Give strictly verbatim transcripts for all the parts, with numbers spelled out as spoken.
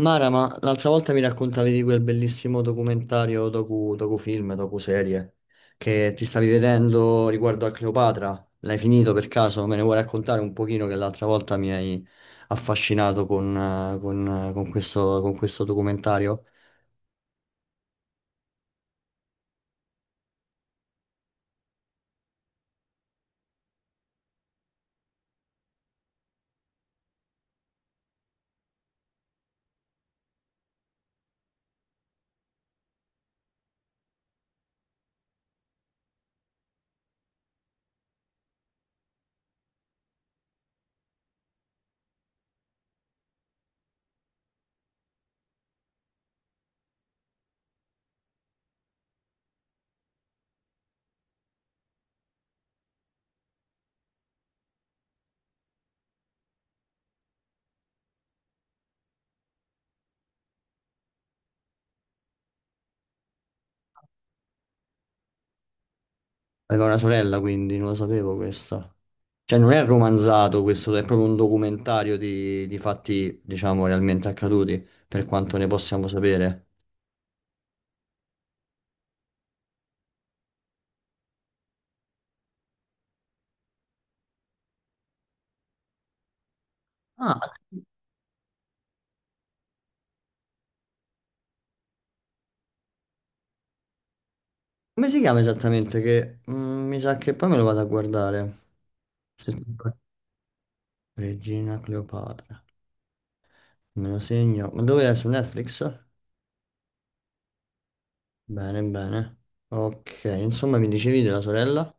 Mara, ma l'altra volta mi raccontavi di quel bellissimo documentario, docu, docufilm, docuserie che ti stavi vedendo riguardo a Cleopatra. L'hai finito per caso? Me ne vuoi raccontare un pochino che l'altra volta mi hai affascinato con, eh, con, eh, con questo, con questo documentario? Aveva una sorella, quindi non lo sapevo questo. Cioè, non è romanzato questo, è proprio un documentario di, di fatti, diciamo, realmente accaduti, per quanto ne possiamo sapere. Ah, come si chiama esattamente? Che mm, mi sa che poi me lo vado a guardare. Se- Regina Cleopatra. Me lo segno. Ma dove è? Su Netflix? Bene, bene. Ok, insomma, mi dicevi della sorella?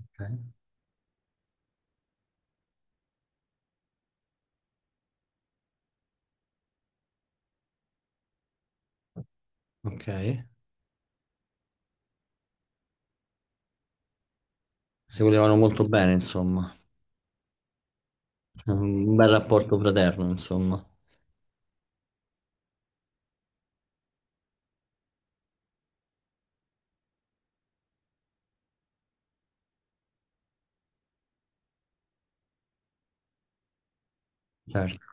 Ok. Ok. Si volevano molto bene, insomma. Un bel rapporto fraterno, insomma. Certo.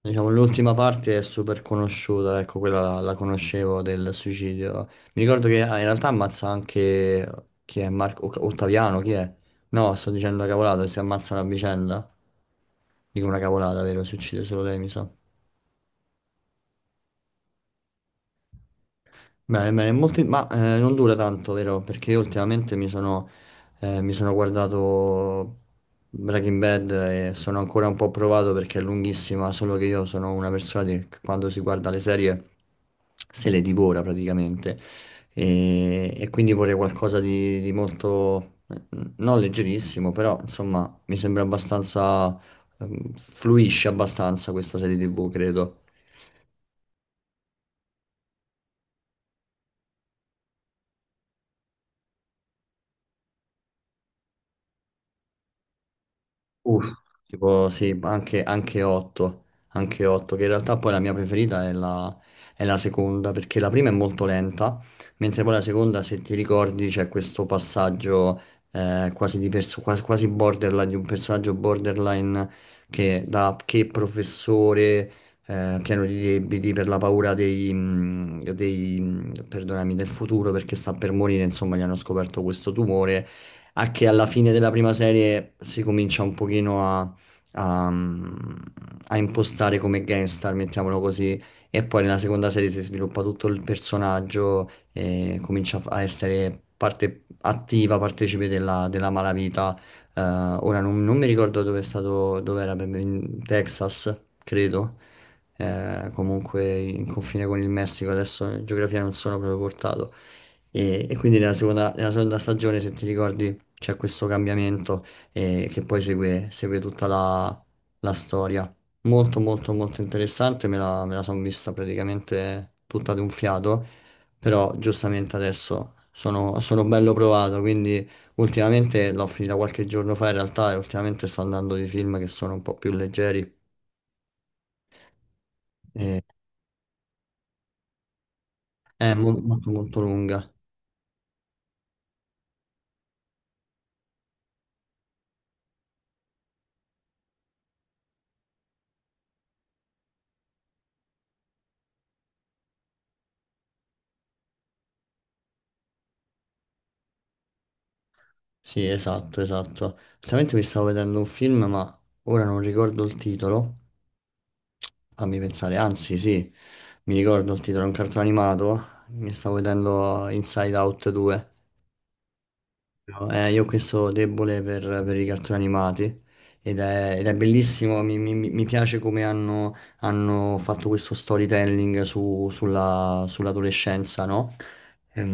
Diciamo, l'ultima parte è super conosciuta, ecco, quella la, la conoscevo del suicidio. Mi ricordo che ah, in realtà ammazza anche chi è Marco Oc- Ottaviano, chi è? No, sto dicendo una cavolata, si ammazzano a vicenda. Dico una cavolata, vero? Si uccide solo lei, mi sa. Bene, bene, molti- ma eh, non dura tanto, vero? Perché io ultimamente mi sono, eh, mi sono guardato Breaking Bad e sono ancora un po' provato perché è lunghissima, solo che io sono una persona che quando si guarda le serie se le divora praticamente e, e quindi vorrei qualcosa di, di molto, eh, non leggerissimo, però insomma mi sembra abbastanza, ehm, fluisce abbastanza questa serie ti vu, credo. Uff, tipo sì, anche, anche otto, anche otto, che in realtà poi la mia preferita è la, è la seconda, perché la prima è molto lenta, mentre poi la seconda, se ti ricordi, c'è questo passaggio eh, quasi, di perso- quasi, quasi borderline, di un personaggio borderline che da che professore eh, pieno di debiti per la paura dei, mh, dei, mh, perdonami, del futuro perché sta per morire, insomma, gli hanno scoperto questo tumore a che alla fine della prima serie si comincia un pochino a, a- mm, a impostare come gangstar, mettiamolo così, e poi nella seconda serie si sviluppa tutto il personaggio e comincia a essere parte attiva, partecipe della, della malavita. Eh, ora non, non mi ricordo dove è stato, dove era, in Texas, credo. Eh, comunque in confine con il Messico, adesso in geografia non sono proprio portato. E, e quindi nella seconda, nella seconda stagione, se ti ricordi, c'è questo cambiamento eh, che poi segue, segue tutta la, la storia. Molto molto molto interessante, me la, me la sono vista praticamente tutta ad un fiato, però giustamente adesso sono, sono bello provato, quindi ultimamente l'ho finita qualche giorno fa in realtà e ultimamente sto andando di film che sono un po' più leggeri. E- è mo- molto molto lunga. Sì, esatto, esatto. Ultimamente mi stavo vedendo un film, ma ora non ricordo il titolo. Fammi pensare, anzi sì, mi ricordo, il titolo è un cartone animato, mi stavo vedendo Inside Out due. No, eh, io ho questo debole per, per i cartoni animati ed è, ed è bellissimo, mi, mi- mi piace come hanno, hanno fatto questo storytelling su- sulla- sull'adolescenza, no? Ehm,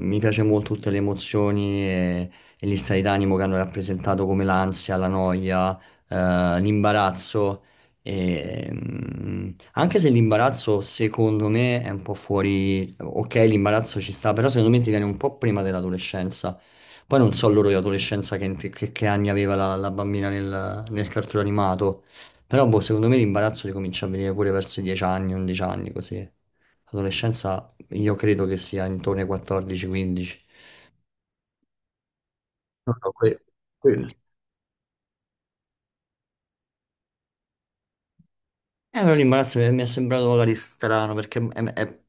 mi piace molto tutte le emozioni e, e gli stati d'animo che hanno rappresentato come l'ansia, la noia, eh, l'imbarazzo. E, mm, anche se l'imbarazzo secondo me è un po' fuori, ok, l'imbarazzo ci sta, però secondo me ti viene un po' prima dell'adolescenza. Poi non so loro di adolescenza che, che- che anni aveva la, la bambina nel, nel cartone animato, però boh, secondo me l'imbarazzo li comincia a venire pure verso i dieci anni, undici anni così. L'adolescenza io credo che sia intorno ai quattordici quindici. No, no, que- que- eh, no, l'imbarazzo mi mi è sembrato magari strano perché è- è-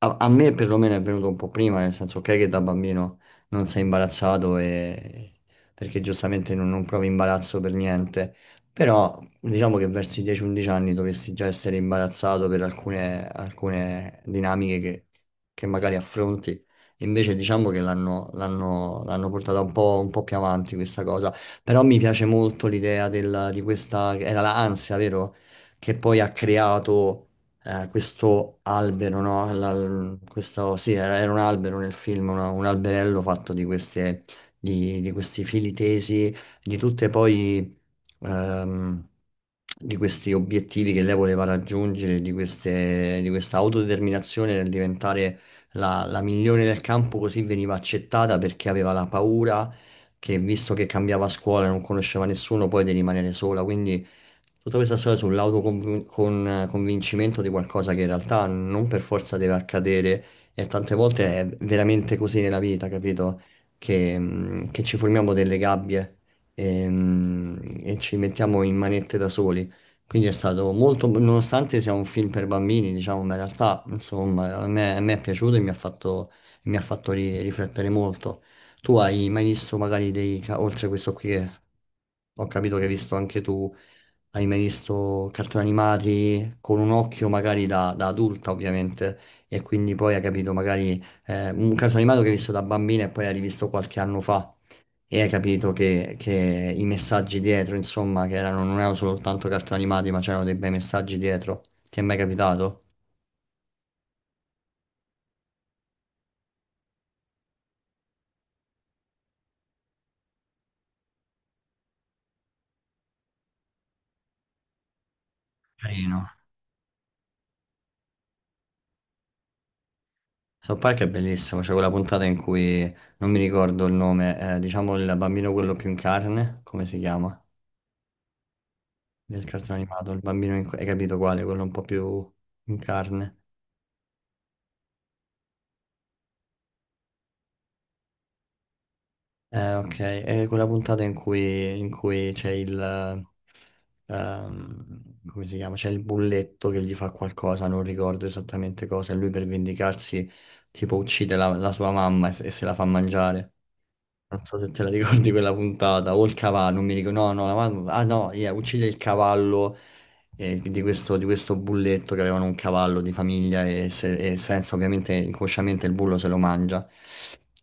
a, a me perlomeno è venuto un po' prima, nel senso ok che da bambino non sei imbarazzato e- perché giustamente non, non provi imbarazzo per niente, però diciamo che verso i dieci undici anni dovresti già essere imbarazzato per alcune, alcune dinamiche che, che magari affronti, invece diciamo che l'hanno l'hanno- l'hanno portata un po', un po' più avanti questa cosa, però mi piace molto l'idea del- di questa, era l'ansia, vero? Che poi ha creato eh, questo albero, no? La- questo, sì, era, era un albero nel film, una- un alberello fatto di queste, di, di questi fili tesi, di tutte poi, ehm, di questi obiettivi che lei voleva raggiungere, di queste, di questa autodeterminazione nel diventare la, la migliore nel campo, così veniva accettata perché aveva la paura che, visto che cambiava scuola e non conosceva nessuno, poi di rimanere sola, quindi... Tutta questa storia sull'autoconvin- con- convincimento di qualcosa che in realtà non per forza deve accadere e tante volte è veramente così nella vita, capito? Che, mh, che ci formiamo delle gabbie e, mh, e ci mettiamo in manette da soli. Quindi è stato molto, nonostante sia un film per bambini, diciamo, ma in realtà, insomma, a me, a me è piaciuto e mi ha fatto, mi ha fatto ri- riflettere molto. Tu hai mai visto magari dei, ca- oltre a questo qui che ho capito che hai visto anche tu, hai mai visto cartoni animati con un occhio magari da, da adulta ovviamente e quindi poi hai capito magari eh, un cartone animato che hai visto da bambina e poi hai rivisto qualche anno fa e hai capito che, che i messaggi dietro insomma che erano, non erano soltanto cartoni animati ma c'erano dei bei messaggi dietro. Ti è mai capitato? Carino. South Park è bellissimo, c'è quella puntata in cui non mi ricordo il nome, eh, diciamo il bambino quello più in carne, come si chiama? Del cartone animato, il bambino, in- hai capito quale? Quello un po' più in carne. Eh, ok, è quella puntata in cui, in cui c'è il... ehm, come si chiama? C'è il bulletto che gli fa qualcosa, non ricordo esattamente cosa, e lui per vendicarsi tipo uccide la, la sua mamma e, se e se la fa mangiare. Non so se te la ricordi quella puntata, o il cavallo, non mi ricordo, no, no, la mamma- ah no, yeah, uccide il cavallo eh, di questo, di questo bulletto che avevano un cavallo di famiglia e, se- e senza ovviamente inconsciamente il bullo se lo mangia.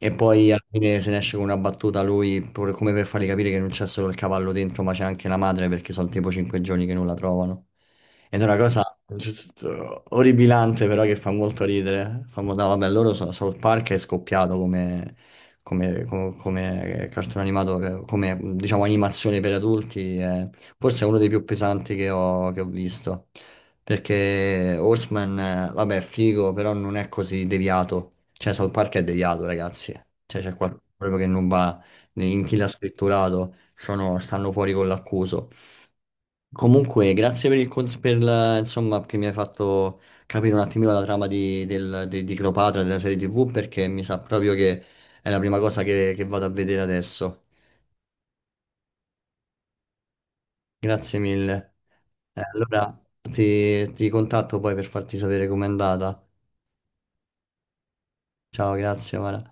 E poi alla fine se ne esce con una battuta lui, pur- come per fargli capire che non c'è solo il cavallo dentro, ma c'è anche la madre perché sono tipo cinque giorni che non la trovano. Ed è una cosa orribilante però che fa molto ridere. Fa molto... no, vabbè, loro so, South Park è scoppiato come come, co- come eh, cartone animato, eh, come diciamo animazione per adulti, eh, forse è uno dei più pesanti che ho, che ho visto. Perché Horseman, eh, vabbè, è figo, però non è così deviato. Cioè, South Park è deviato, ragazzi. Cioè, c'è qualcosa proprio che non va in chi l'ha scritturato, sono- stanno fuori con l'accuso. Comunque, grazie per il cons- per la- insomma, che mi hai fatto capire un attimino la trama di, del, di, di Cleopatra, della serie ti vu, perché mi sa proprio che è la prima cosa che, che vado a vedere adesso. Grazie mille. Eh, allora ti, ti contatto poi per farti sapere com'è andata. Ciao, grazie, Mara.